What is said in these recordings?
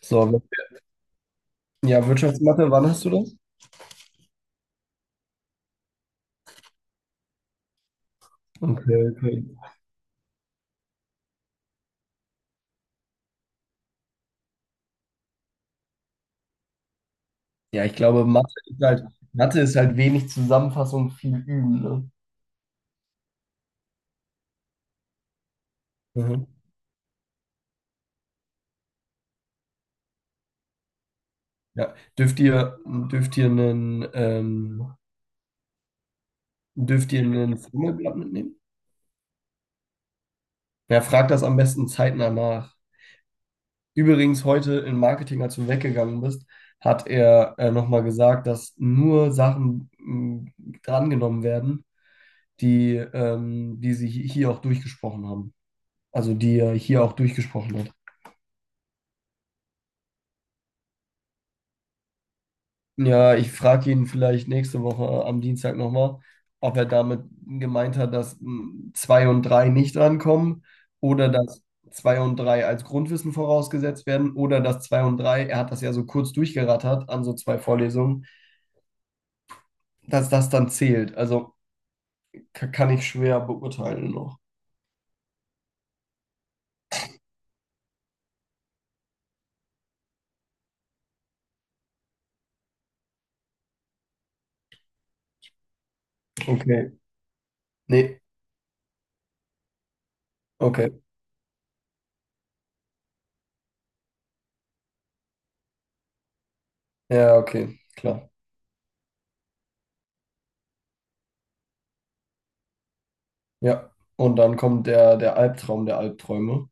So, ja, Wirtschaftsmathe, wann hast du das? Okay, okay. Ja, ich glaube, Mathe ist halt wenig Zusammenfassung, viel üben, ne? Mhm. Ja. Dürft ihr einen, ähm, dürft ihr einen Formelblatt mitnehmen? Ja, frag das am besten zeitnah nach. Übrigens, heute im Marketing, als du weggegangen bist, hat er nochmal gesagt, dass nur Sachen drangenommen werden, die sie hier auch durchgesprochen haben. Also die er hier auch durchgesprochen hat. Ja, ich frage ihn vielleicht nächste Woche am Dienstag nochmal, ob er damit gemeint hat, dass 2 und 3 nicht rankommen oder dass 2 und 3 als Grundwissen vorausgesetzt werden oder dass 2 und 3, er hat das ja so kurz durchgerattert an so zwei Vorlesungen, dass das dann zählt. Also kann ich schwer beurteilen noch. Okay. Nee, okay. Ja, okay, klar. Ja. Und dann kommt der Albtraum der Albträume,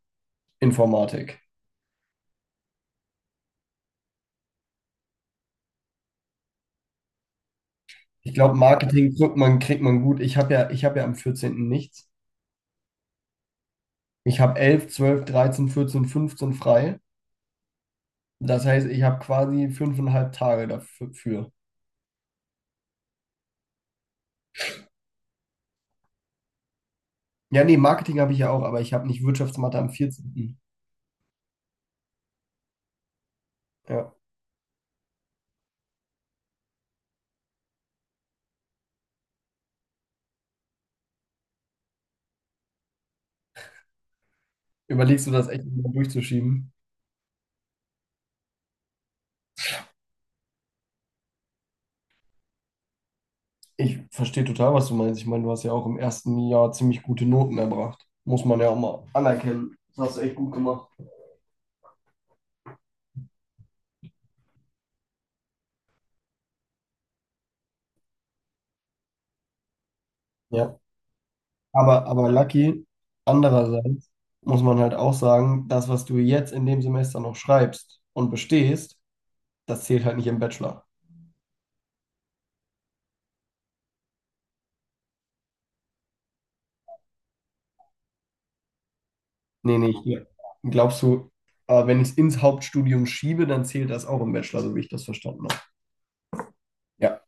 Informatik. Ich glaube, Marketing kriegt man gut. Ich habe ja am 14. nichts. Ich habe 11, 12, 13, 14, 15 frei. Das heißt, ich habe quasi 5,5 Tage dafür. Ja, nee, Marketing habe ich ja auch, aber ich habe nicht Wirtschaftsmathe am 14. Ja. Überlegst du das echt mal durchzuschieben? Ich verstehe total, was du meinst. Ich meine, du hast ja auch im ersten Jahr ziemlich gute Noten erbracht. Muss man ja auch mal anerkennen. Das hast du echt gut gemacht. Ja. Aber Lucky, andererseits muss man halt auch sagen, das, was du jetzt in dem Semester noch schreibst und bestehst, das zählt halt nicht im Bachelor. Nee, nee, hier. Glaubst du, wenn ich es ins Hauptstudium schiebe, dann zählt das auch im Bachelor, so wie ich das verstanden habe. Ja.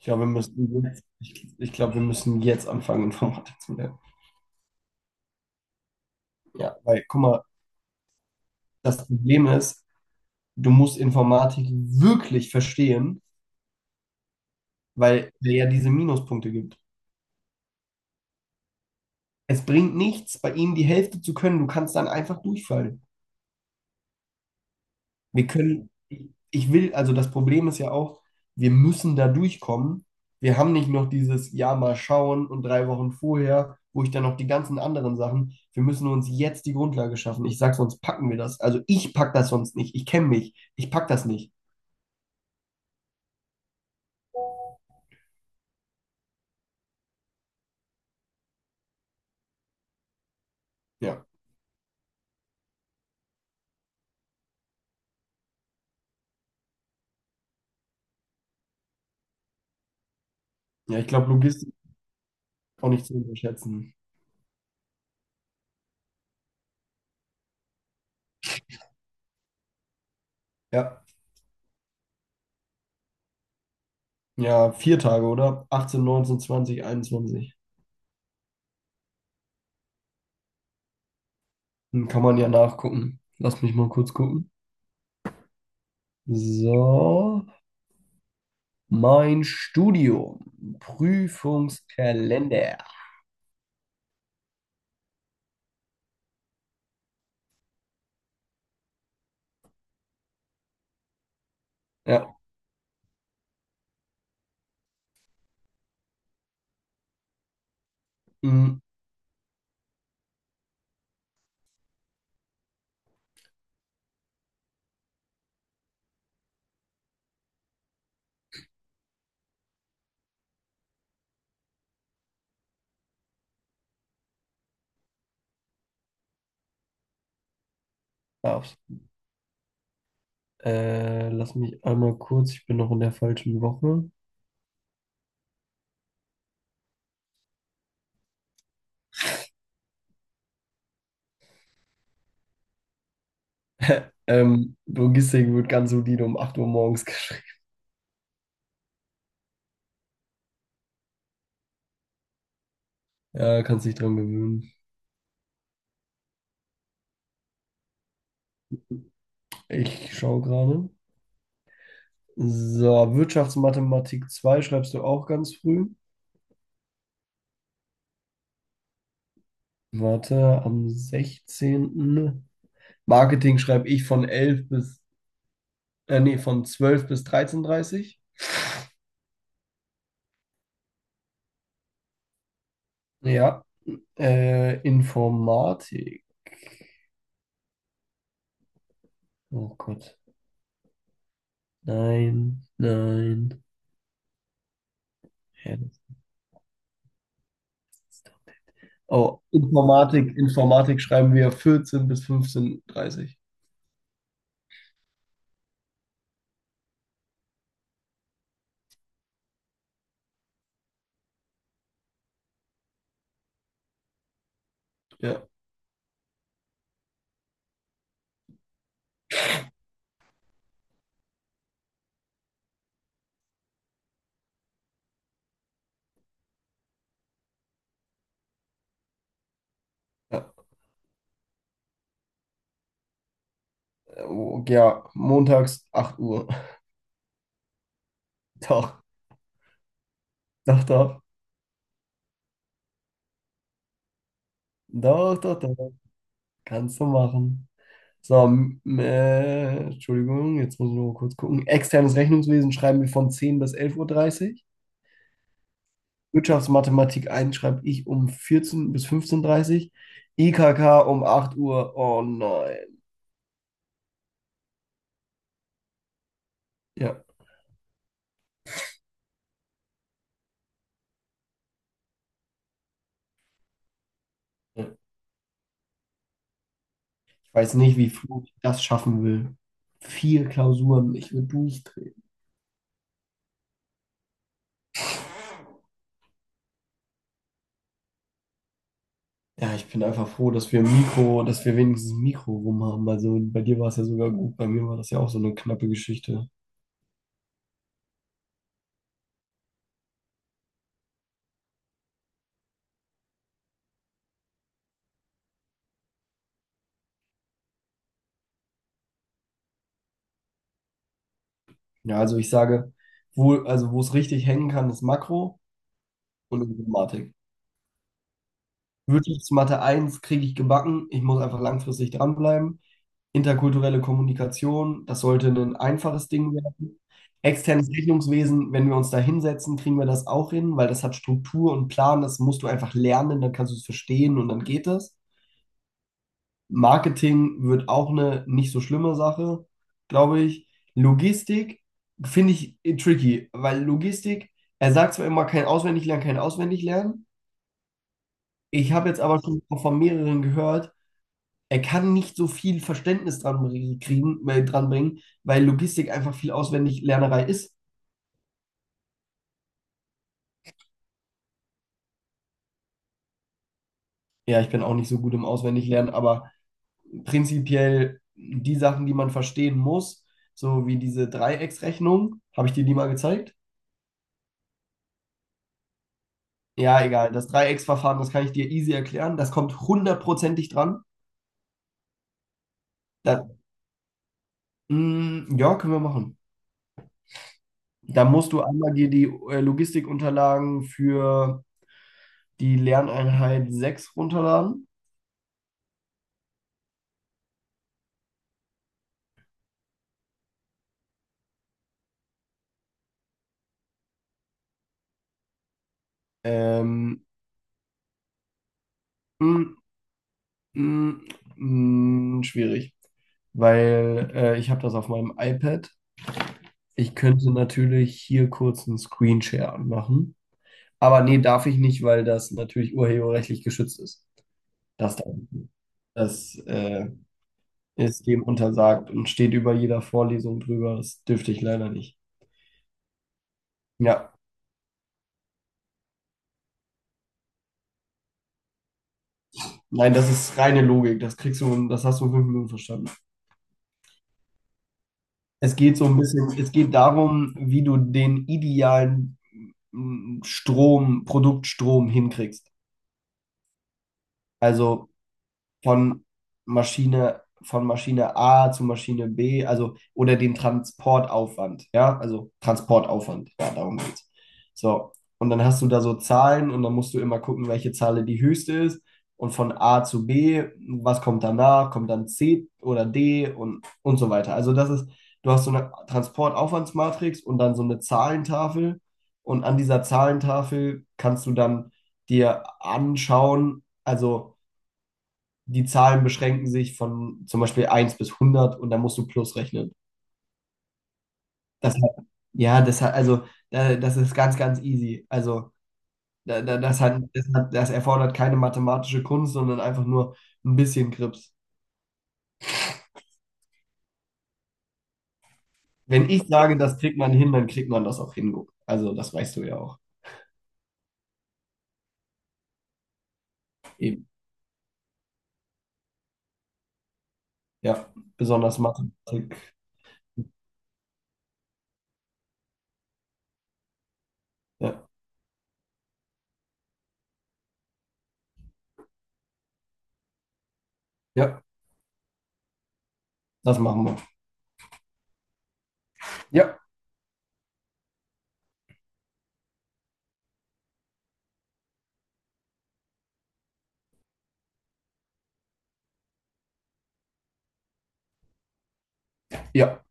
Ich glaube, wir müssen jetzt anfangen, Informatik zu lernen. Ja, weil, guck mal, das Problem ist, du musst Informatik wirklich verstehen, weil es ja diese Minuspunkte gibt. Es bringt nichts, bei ihnen die Hälfte zu können. Du kannst dann einfach durchfallen. Wir können, ich will, also das Problem ist ja auch, wir müssen da durchkommen. Wir haben nicht noch dieses Ja, mal schauen und 3 Wochen vorher, wo ich dann noch die ganzen anderen Sachen. Wir müssen uns jetzt die Grundlage schaffen. Ich sag, sonst packen wir das. Also ich pack das sonst nicht. Ich kenne mich. Ich pack das nicht. Ja. Ja, ich glaube, Logistik ist auch nicht zu unterschätzen. Ja. Ja, 4 Tage, oder? 18, 19, 20, 21. Dann kann man ja nachgucken. Lass mich mal kurz gucken. So, mein Studium, Prüfungskalender. Ja, mm, darfst. Lass mich einmal kurz, ich bin noch in der falschen Woche. Logistik wird ganz solide um 8 Uhr morgens geschrieben. Ja, kannst dich dran gewöhnen. Ich schaue gerade. So, Wirtschaftsmathematik 2 schreibst du auch ganz früh. Warte, am 16. Marketing schreibe ich von 11 bis, nee, von 12 bis 13:30 Uhr. Ja, Informatik. Oh Gott. Nein, nein. Hä? Oh, Informatik, Informatik schreiben wir vierzehn bis 15:30. Ja. Ja, oh, ja, montags 8 Uhr. Doch, doch, doch. Doch, doch, doch. Kannst du machen. So, Entschuldigung, jetzt muss ich noch mal kurz gucken. Externes Rechnungswesen schreiben wir von 10 bis elf Uhr dreißig. Wirtschaftsmathematik eins schreibe ich um 14 bis 15:30 Uhr. IKK um 8 Uhr. Oh nein. Ja. Ich weiß nicht, wie Flo das schaffen will. Vier Klausuren, ich will durchdrehen. Ja, ich bin einfach froh, dass wir wenigstens Mikro rum haben. Also bei dir war es ja sogar gut, bei mir war das ja auch so eine knappe Geschichte. Ja, also ich sage, also wo es richtig hängen kann, ist Makro und Informatik. Wirtschaftsmathe eins kriege ich gebacken. Ich muss einfach langfristig dranbleiben. Interkulturelle Kommunikation, das sollte ein einfaches Ding werden. Externes Rechnungswesen, wenn wir uns da hinsetzen, kriegen wir das auch hin, weil das hat Struktur und Plan, das musst du einfach lernen, dann kannst du es verstehen und dann geht es. Marketing wird auch eine nicht so schlimme Sache, glaube ich. Logistik finde ich tricky, weil Logistik, er sagt zwar immer kein Auswendiglernen, kein Auswendiglernen. Ich habe jetzt aber schon von mehreren gehört, er kann nicht so viel Verständnis dran kriegen, dran bringen, weil Logistik einfach viel Auswendiglernerei ist. Ja, ich bin auch nicht so gut im Auswendiglernen, aber prinzipiell die Sachen, die man verstehen muss, so wie diese Dreiecksrechnung, habe ich dir die mal gezeigt? Ja, egal. Das Dreiecksverfahren, das kann ich dir easy erklären. Das kommt hundertprozentig dran. Da, ja, können wir machen. Da musst du einmal dir die Logistikunterlagen für die Lerneinheit sechs runterladen. Ähm, mm, Mm, schwierig, weil ich habe das auf meinem iPad. Ich könnte natürlich hier kurz einen Screenshare anmachen, aber nee, darf ich nicht, weil das natürlich urheberrechtlich geschützt ist. Das darf ich nicht. Das ist dem untersagt und steht über jeder Vorlesung drüber. Das dürfte ich leider nicht. Ja, nein, das ist reine Logik. Das kriegst du, das hast du in 5 Minuten verstanden. Es geht so ein bisschen, es geht darum, wie du den idealen Strom, Produktstrom hinkriegst. Also von von Maschine A zu Maschine B, also oder den Transportaufwand, ja, also Transportaufwand, ja, darum geht's. So, und dann hast du da so Zahlen und dann musst du immer gucken, welche Zahl die höchste ist und von A zu B, was kommt danach, kommt dann C oder D und so weiter. Also das ist, du hast so eine Transportaufwandsmatrix und dann so eine Zahlentafel und an dieser Zahlentafel kannst du dann dir anschauen, also die Zahlen beschränken sich von zum Beispiel eins bis 100 und dann musst du plus rechnen. Das, ja, das ist ganz, ganz easy. Also, das erfordert keine mathematische Kunst, sondern einfach nur ein bisschen Grips. Wenn ich sage, das kriegt man hin, dann kriegt man das auch hin. Also, das weißt du ja auch. Eben. Ja, besonders Mathematik. Ja, ja, das machen wir. Ja, ja.